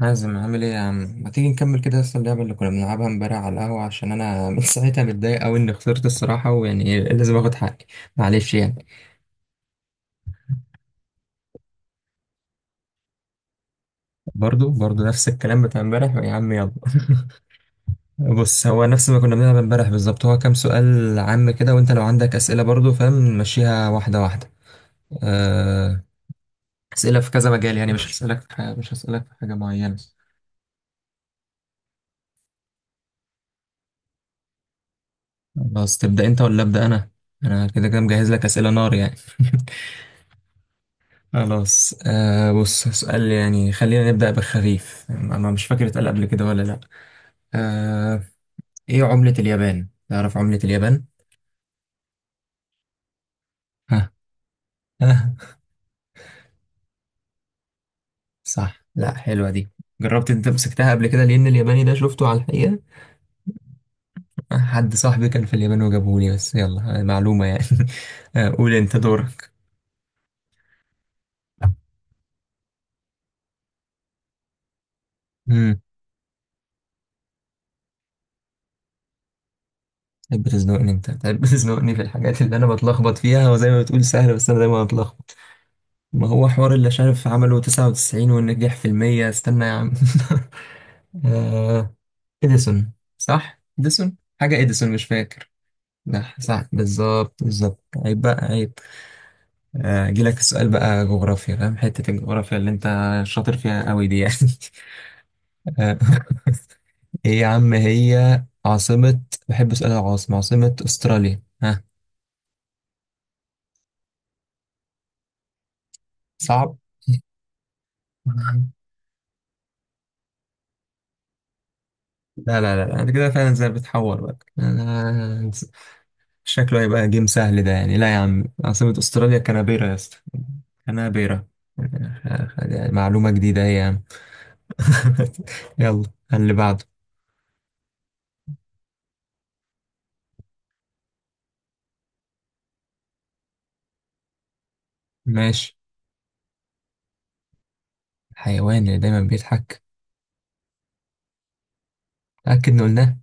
حازم، عامل ايه يا عم؟ ما تيجي نكمل كده اصلا اللعبه اللي كنا بنلعبها امبارح على القهوه عشان انا من ساعتها متضايق قوي اني خسرت الصراحه، ويعني إيه، لازم اخد حقي. معلش يعني. برضو نفس الكلام بتاع امبارح يا عم، يلا بص، هو نفس ما كنا بنلعب امبارح بالظبط، هو كام سؤال عام كده، وانت لو عندك اسئله برضو، فاهم؟ نمشيها واحده واحده. آه، اسئله في كذا مجال يعني، مش هسالك في حاجه، مش هسالك في حاجه معينه. خلاص، تبدا انت ولا ابدا انا؟ انا كده كده مجهز لك اسئله نار يعني خلاص. آه، بص، سؤال يعني خلينا نبدأ بالخفيف. أنا مش فاكر اتقال قبل كده ولا لأ. آه. إيه عملة اليابان؟ تعرف عملة اليابان؟ ها؟ ها؟ صح. لأ حلوة دي. جربت أنت مسكتها قبل كده؟ لأن الياباني ده شفته على الحقيقة. حد صاحبي كان في اليابان وجابهولي، بس يلا، معلومة يعني آه، قول أنت دورك. مم. تحب تزنقني أنت؟ تحب تزنقني في الحاجات اللي أنا بتلخبط فيها، وزي ما بتقول سهلة بس أنا دايما بتلخبط. ما هو حوار، اللي شايف عمله 99 والنجاح في المية، استنى يا عم آه، إديسون. صح؟ إديسون؟ حاجة إديسون، مش فاكر. لا صح، بالظبط بالظبط، عيب بقى، عيب. أجيلك السؤال بقى جغرافيا، فاهم حتة الجغرافيا اللي أنت شاطر فيها قوي دي يعني آه، إيه يا عم، هي عاصمة. بحب أسأل العاصمة، عاصمة أستراليا، ها؟ صعب؟ لا لا لا، أنت كده فعلا زي بتحور بقى أنا. شكله هيبقى جيم سهل ده يعني. لا يا عم، عاصمة استراليا كانبيرا يا اسطى. كانبيرا. يعني معلومة جديدة هي يا عم يلا، اللي بعده. ماشي. الحيوان اللي دايما بيضحك. أكد إن قلناه.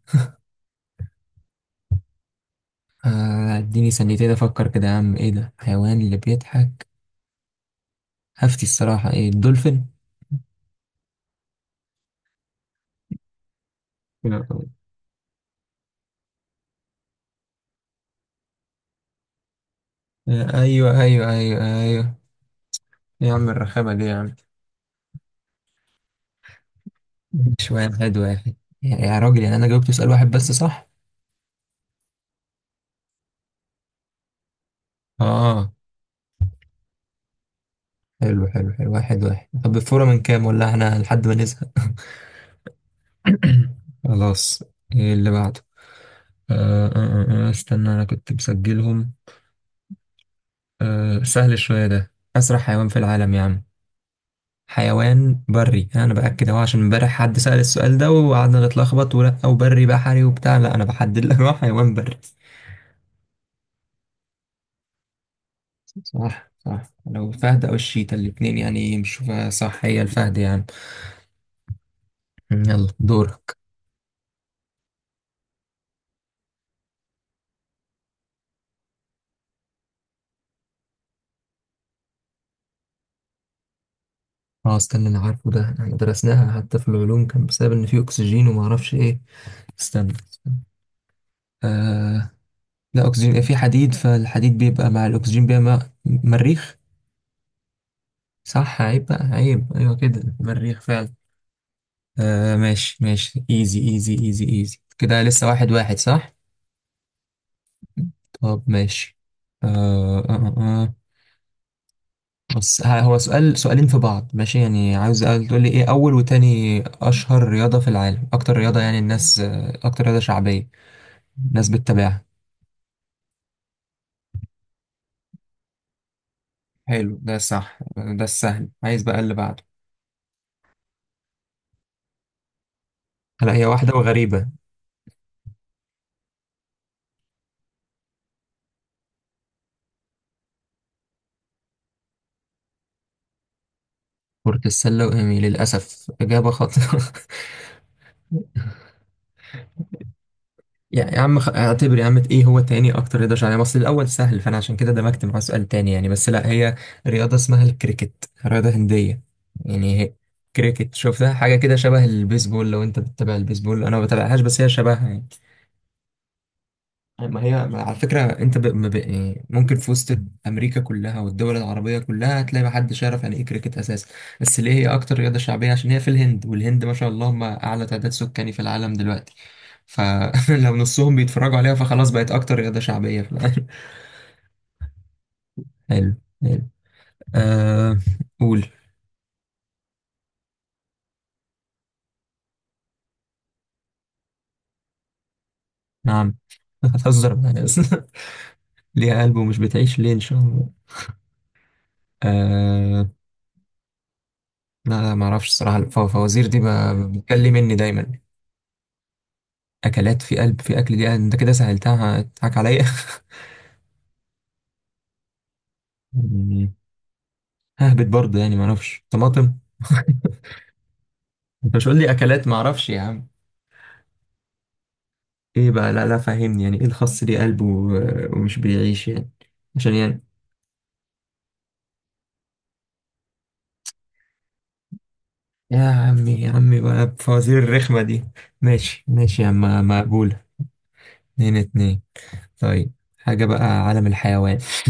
اديني ثانيتين افكر كده يا عم، ايه ده الحيوان اللي بيضحك؟ هفتي الصراحة، ايه، الدولفين؟ آه، ايوه ايوه ايوه ايوه. يا عم الرخامة دي يا عم. شوية واحد واحد. يا راجل يعني، انا جاوبت سؤال واحد بس صح. اه. حلو حلو حلو. واحد واحد. طب الفورة من كام، ولا احنا لحد ما نزهق؟ خلاص، ايه اللي بعده؟ آه آه استنى انا كنت مسجلهم. آه سهل شوية ده. اسرع حيوان في العالم يا عم. حيوان بري، انا باكد اهو، عشان امبارح حد سأل السؤال ده وقعدنا نتلخبط، ولا او بري بحري وبتاع، لا انا بحدد لك، هو حيوان بري. صح صح، لو الفهد او الشيتا الاتنين يعني مش. صح، هي الفهد يعني. يلا دور. اه استنى، انا عارفه ده، احنا درسناها حتى في العلوم، كان بسبب ان في اكسجين وما اعرفش ايه. استنى. آه. لا اكسجين، في حديد، فالحديد بيبقى مع الاكسجين بيبقى مع مريخ. صح، عيب بقى عيب، ايوه كده، مريخ فعلا. آه ماشي ماشي، ايزي ايزي ايزي ايزي كده، لسه واحد واحد صح؟ طب ماشي. آه آه آه. بس هو سؤال سؤالين في بعض، ماشي يعني؟ عاوز تقول لي ايه اول وتاني اشهر رياضة في العالم، اكتر رياضة يعني الناس، اكتر رياضة شعبية ناس بتتابعها. حلو، ده صح، ده السهل، عايز بقى اللي بعده. هلا، هي واحدة وغريبة. كرة السلة وإيمي، للأسف إجابة خاطئة يعني يا عم اعتبر يا عم إيه هو تاني أكتر رياضة شعبية، مصر الأول سهل، فأنا عشان كده دمجت معاه سؤال تاني يعني. بس لا، هي رياضة اسمها الكريكت، رياضة هندية يعني هي. كريكت شفتها حاجة كده شبه البيسبول، لو أنت بتتابع البيسبول، أنا ما بتابعهاش بس هي شبهها يعني. ما هي، ما على فكرة انت ما ب... يعني ممكن في وسط امريكا كلها والدول العربية كلها هتلاقي ما حدش يعرف يعني ايه كريكت اساسا. بس ليه هي اكتر رياضة شعبية؟ عشان هي في الهند، والهند ما شاء الله هم اعلى تعداد سكاني في العالم دلوقتي، فلو نصهم بيتفرجوا عليها فخلاص بقت اكتر رياضة شعبية في العالم حلو حلو. آه... قول. نعم هتهزر معايا بس. ليها قلب ومش بتعيش، ليه، ان شاء الله؟ آه... لا لا ما اعرفش الصراحة. الفوازير دي بتكلمني دايما. اكلات، في قلب في اكل؟ دي انت كده سهلتها، هتضحك عليا يعني. ههبط برضه يعني، ما اعرفش، طماطم؟ انت مش قول لي اكلات ما اعرفش يا عم. ايه بقى لا لا، فهمني، يعني ايه الخس ليه قلب ومش بيعيش يعني؟ عشان يعني. يا عمي يا عمي بقى بفوازير الرخمة دي. ماشي ماشي يا عم، مقبولة. اتنين اتنين. طيب حاجة بقى، عالم الحيوان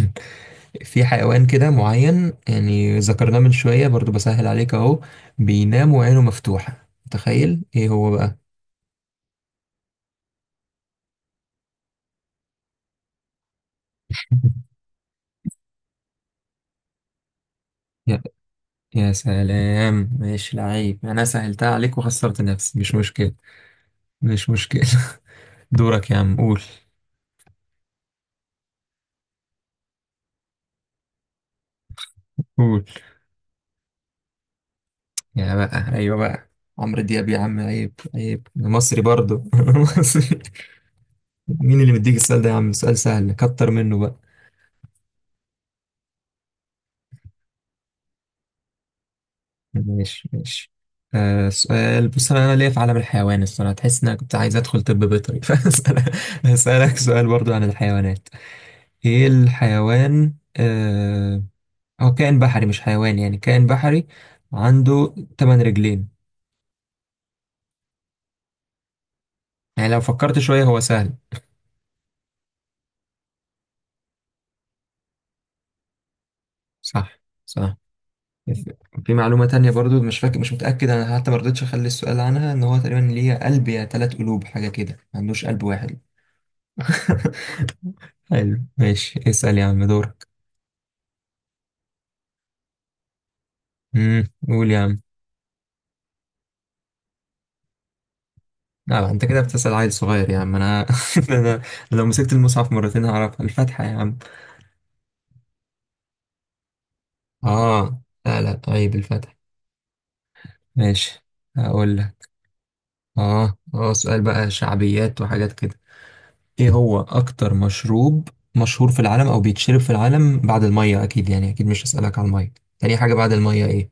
في حيوان كده معين يعني ذكرناه من شوية برضو، بسهل عليك اهو، بينام وعينه مفتوحة، تخيل ايه هو بقى؟ يا, يا سلام. ماشي لعيب، انا سهلتها عليك وخسرت نفسي، مش مشكلة، مش مشكلة دورك يا عم قول. قول. يا بقى، ايوه بقى، عمرو دياب يا عم، عيب عيب، أنا مصري برضو أنا مصري. مين اللي مديك السؤال ده يا عم؟ سؤال سهل، كتر منه بقى. ماشي ماشي. آه سؤال، بص انا ليا في عالم الحيوان الصراحه، تحس ان انا كنت عايز ادخل طب بيطري فاسالك، هسالك سؤال برضو عن الحيوانات. ايه الحيوان، آه، هو كائن بحري مش حيوان يعني، كائن بحري، عنده ثمان رجلين. يعني لو فكرت شويه هو سهل. صح صح. في معلومه تانية برضو، مش فاكر مش متاكد انا، حتى ما رضيتش اخلي السؤال عنها، ان هو تقريبا ليه قلب يا ثلاث قلوب حاجه كده، ما عندوش قلب واحد. حلو ماشي، اسال يا عم، دور. قول يا عم. لا انت كده بتسأل عيل صغير يا عم، انا انا لو مسكت المصحف مرتين هعرفها. الفتحة يا عم. اه لا لا، طيب الفتحة. ماشي. هقول لك. اه اه، سؤال بقى شعبيات وحاجات كده. ايه هو اكتر مشروب مشهور في العالم، او بيتشرب في العالم بعد المية؟ اكيد يعني، اكيد مش هسألك على المية. تاني حاجة بعد المية ايه؟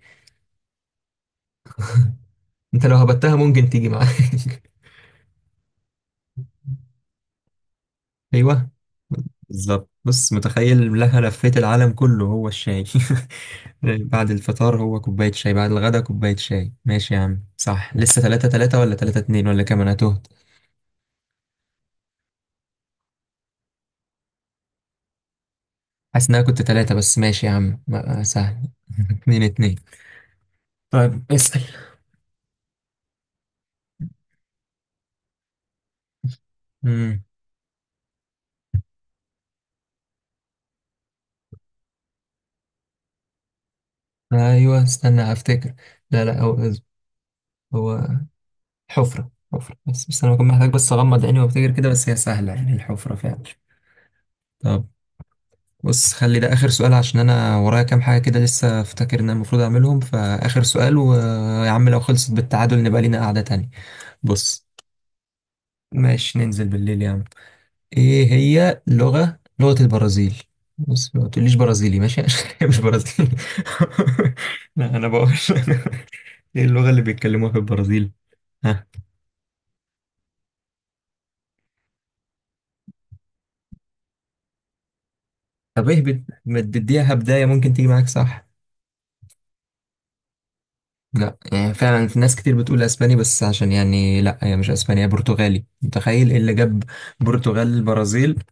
انت لو هبتها ممكن تيجي معاك ايوه، بالظبط، بص، متخيل لها لفيت العالم كله، هو الشاي بعد الفطار هو كوباية شاي، بعد الغدا كوباية شاي. ماشي يا عم صح، لسه تلاتة تلاتة، ولا تلاتة اتنين، ولا كام، أنا تهت. حاسس إن أنا كنت تلاتة، بس ماشي يا عم، سهل اتنين اتنين. طيب اسأل. مم. أيوه استنى أفتكر. لا لا، هو حفرة. حفرة بس، بس أنا بكون محتاج بس أغمض عيني وأفتكر كده، بس هي سهلة يعني، الحفرة فعلا. طب بص، خلي ده آخر سؤال، عشان أنا ورايا كام حاجة كده لسه، أفتكر إن أنا المفروض أعملهم، فآخر سؤال. ويا عم لو خلصت بالتعادل نبقى لينا قعدة تانية. بص، ماشي ننزل بالليل يا عم. إيه هي لغة البرازيل؟ بص ما تقوليش برازيلي ماشي عشان هي مش برازيلي. لا أنا بقول إيه اللغة اللي بيتكلموها في البرازيل؟ ها؟ طب إيه ما تديها بداية ممكن تيجي معاك صح. لا يعني فعلا في ناس كتير بتقول اسباني، بس عشان يعني لا هي مش اسباني، هي برتغالي، متخيل ايه اللي جاب برتغال البرازيل؟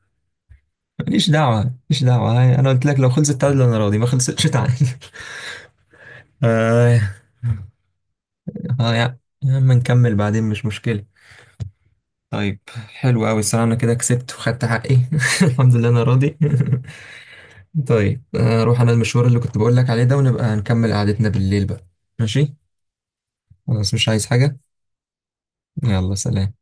ماليش دعوه، ماليش دعوه هاي، انا قلت لك لو خلصت تعادل انا راضي، ما خلصتش تعادل آه آه يا يا عم نكمل بعدين، مش مشكله. طيب حلو قوي الصراحه، انا كده كسبت وخدت حقي الحمد لله انا راضي طيب اروح انا المشوار اللي كنت بقول لك عليه ده، ونبقى نكمل قعدتنا بالليل بقى. ماشي. خلاص، مش عايز حاجه. يلا سلام.